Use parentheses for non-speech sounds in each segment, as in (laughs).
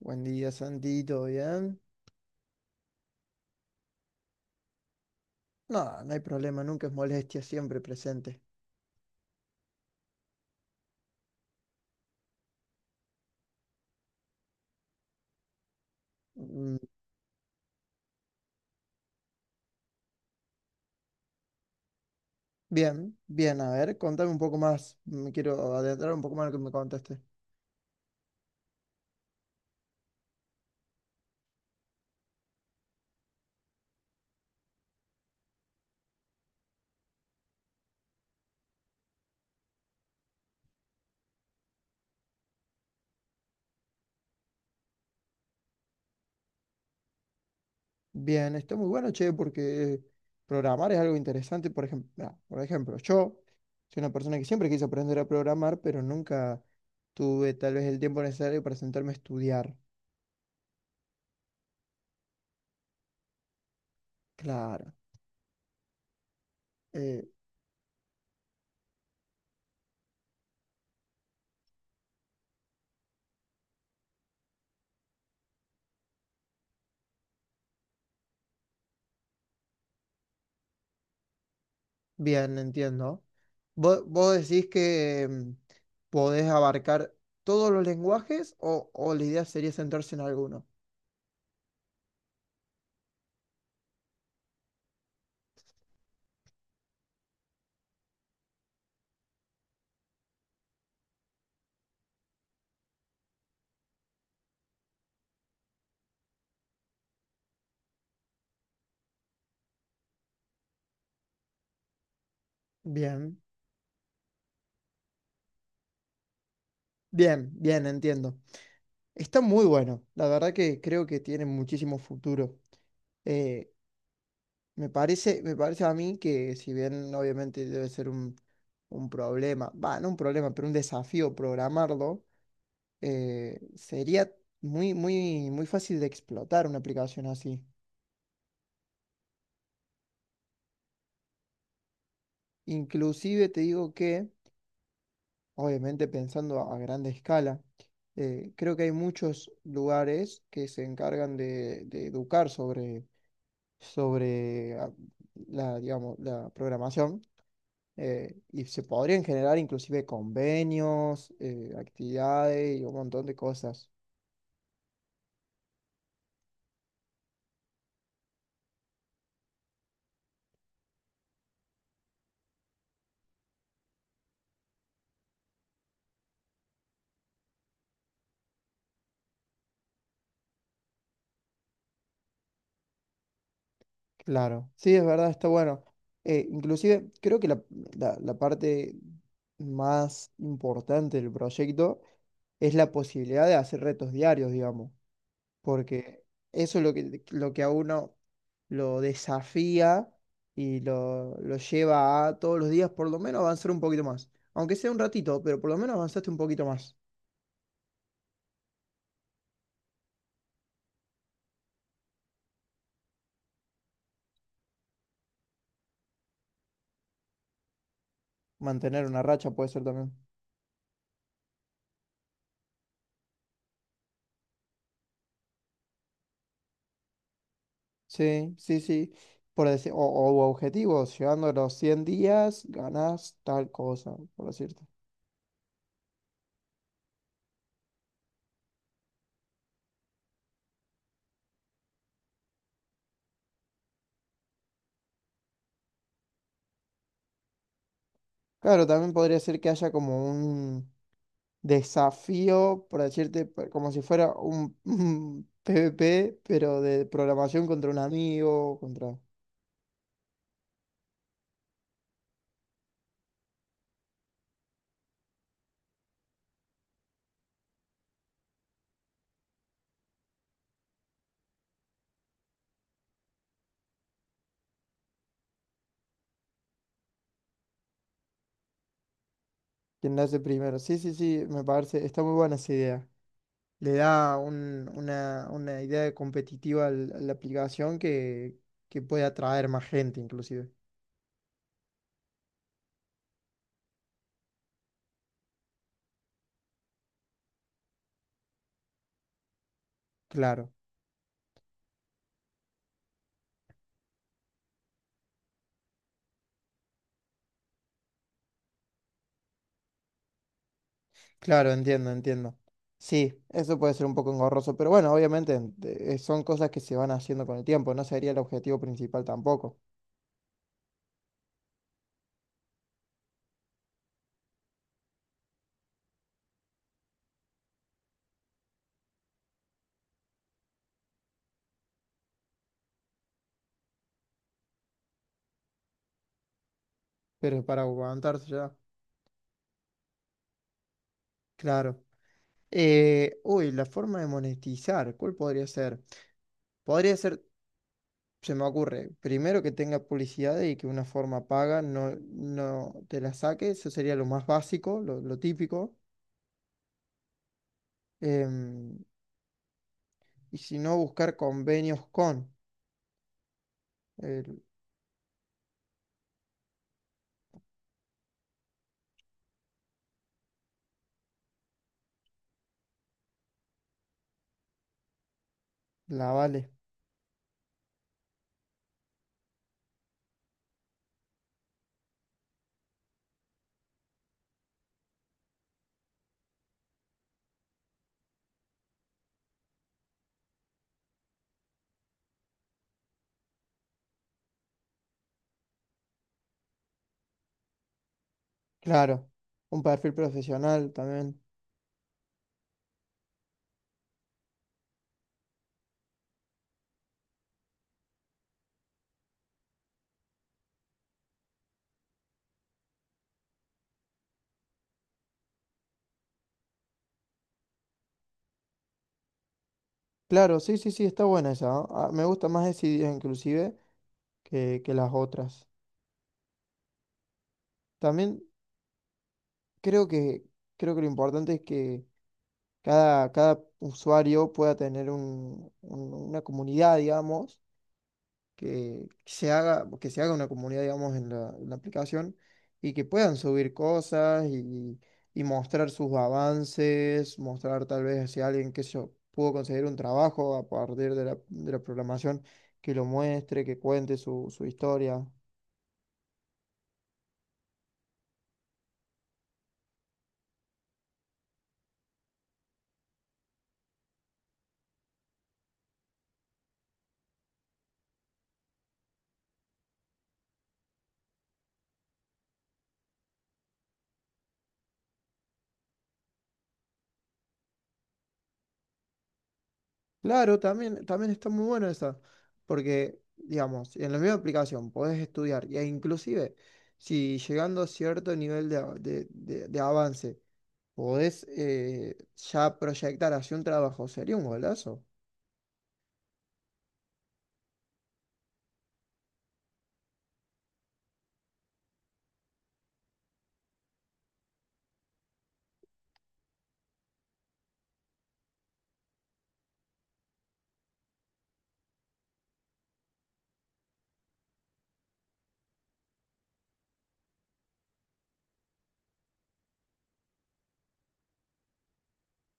Buen día, Santi, ¿todo bien? No, no hay problema, nunca es molestia, siempre presente. Mm, bien, bien, a ver, contame un poco más, me quiero adentrar un poco más en lo que me contaste. Bien, está muy bueno, che, porque programar es algo interesante, por ejemplo, yo soy una persona que siempre quise aprender a programar, pero nunca tuve tal vez el tiempo necesario para sentarme a estudiar. Claro. eh, Bien, entiendo. ¿Vos decís que podés abarcar todos los lenguajes o la idea sería centrarse en alguno? Bien, bien, entiendo. Está muy bueno. La verdad que creo que tiene muchísimo futuro. Eh, me parece a mí que si bien obviamente debe ser un problema, va, no un problema, pero un desafío programarlo, sería muy fácil de explotar una aplicación así. Inclusive te digo que, obviamente pensando a grande escala, creo que hay muchos lugares que se encargan de educar sobre la, digamos, la programación y se podrían generar inclusive convenios, actividades y un montón de cosas. Claro, sí, es verdad, está bueno. Inclusive creo que la parte más importante del proyecto es la posibilidad de hacer retos diarios, digamos, porque eso es lo que a uno lo desafía y lo lleva a todos los días por lo menos avanzar un poquito más, aunque sea un ratito, pero por lo menos avanzaste un poquito más. Mantener una racha puede ser también. Sí, sí, sí. Por decir, o objetivos, llegando a los 100 días, ganas tal cosa, por decirte. Claro, también podría ser que haya como un desafío, por decirte, como si fuera un, (laughs) un PvP, pero de programación contra un amigo, contra quien lo hace primero. Sí, sí, sí, me parece, está muy buena esa idea. Le da una idea competitiva a la aplicación que puede atraer más gente, inclusive. Claro. Claro, entiendo, entiendo. Sí, eso puede ser un poco engorroso, pero bueno, obviamente son cosas que se van haciendo con el tiempo, no sería el objetivo principal tampoco, pero para aguantarse ya. Claro. Uy, la forma de monetizar, ¿cuál podría ser? Podría ser, se me ocurre, primero que tenga publicidad y que una forma paga no, no te la saque, eso sería lo más básico, lo típico. Em, y si no, buscar convenios con eh, la Vale. Claro, un perfil profesional también. Claro, sí, sí, sí, está buena esa. ¿No? Ah, me gusta más esa idea inclusive que las otras. También creo que, creo que lo importante es que cada usuario pueda tener una comunidad, digamos, que se haga una comunidad, digamos, en la aplicación y que puedan subir cosas y mostrar sus avances, mostrar tal vez si alguien que se pudo conseguir un trabajo a partir de la programación, que lo muestre, que cuente su, su historia. Claro, también, también está muy bueno esa, porque, digamos, en la misma aplicación podés estudiar e inclusive si llegando a cierto nivel de, de avance, podés ya proyectar hacia un trabajo, sería un golazo.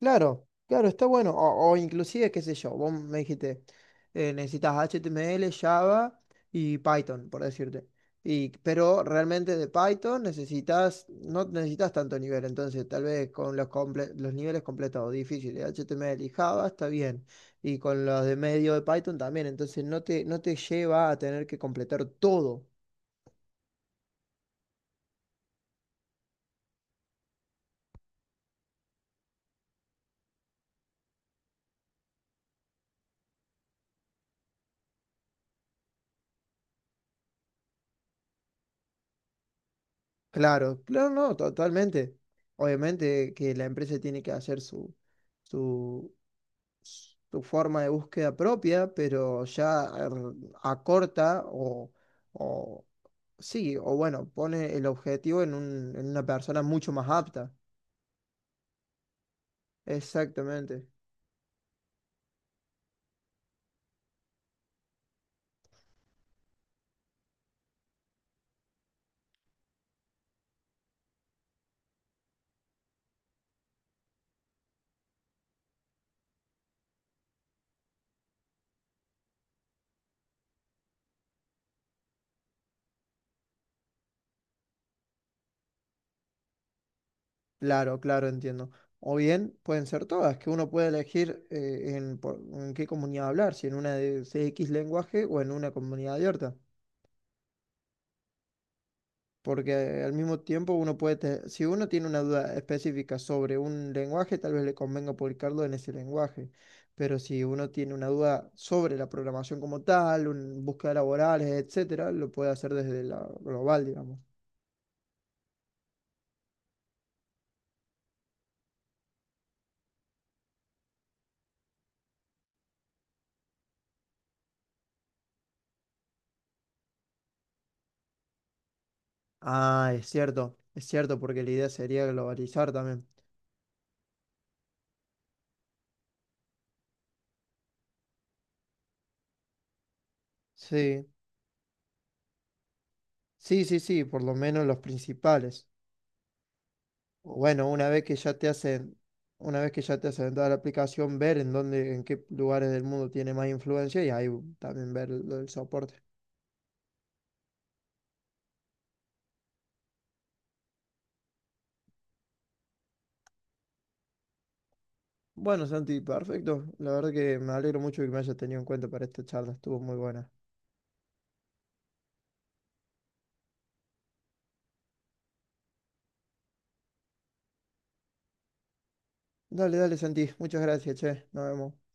Claro, claro, está bueno. O inclusive, qué sé yo, vos me dijiste, necesitas HTML, Java y Python, por decirte. Y, pero realmente de Python necesitas, no necesitas tanto nivel, entonces tal vez con los, los niveles completados difíciles, HTML y Java está bien. Y con los de medio de Python también, entonces no te, no te lleva a tener que completar todo. Claro, claro, no, totalmente. Obviamente que la empresa tiene que hacer su, su, su forma de búsqueda propia, pero ya acorta o sí, o bueno, pone el objetivo en en una persona mucho más apta. Exactamente. Claro, claro, entiendo. O bien pueden ser todas, que uno puede elegir en, en qué comunidad hablar, si en una de CX lenguaje o en una comunidad abierta. Porque al mismo tiempo uno puede, si uno tiene una duda específica sobre un lenguaje, tal vez le convenga publicarlo en ese lenguaje, pero si uno tiene una duda sobre la programación como tal, un, búsqueda laborales, etcétera, lo puede hacer desde la global, digamos. Ah, es cierto, porque la idea sería globalizar también. Sí, sí, sí, sí, por lo menos los principales. Bueno, una vez que ya te hacen, una vez que ya te hacen toda la aplicación, ver en dónde, en qué lugares del mundo tiene más influencia y ahí también ver el soporte. Bueno, Santi, perfecto. La verdad que me alegro mucho que me hayas tenido en cuenta para esta charla. Estuvo muy buena. Dale, dale, Santi. Muchas gracias, che. Nos vemos.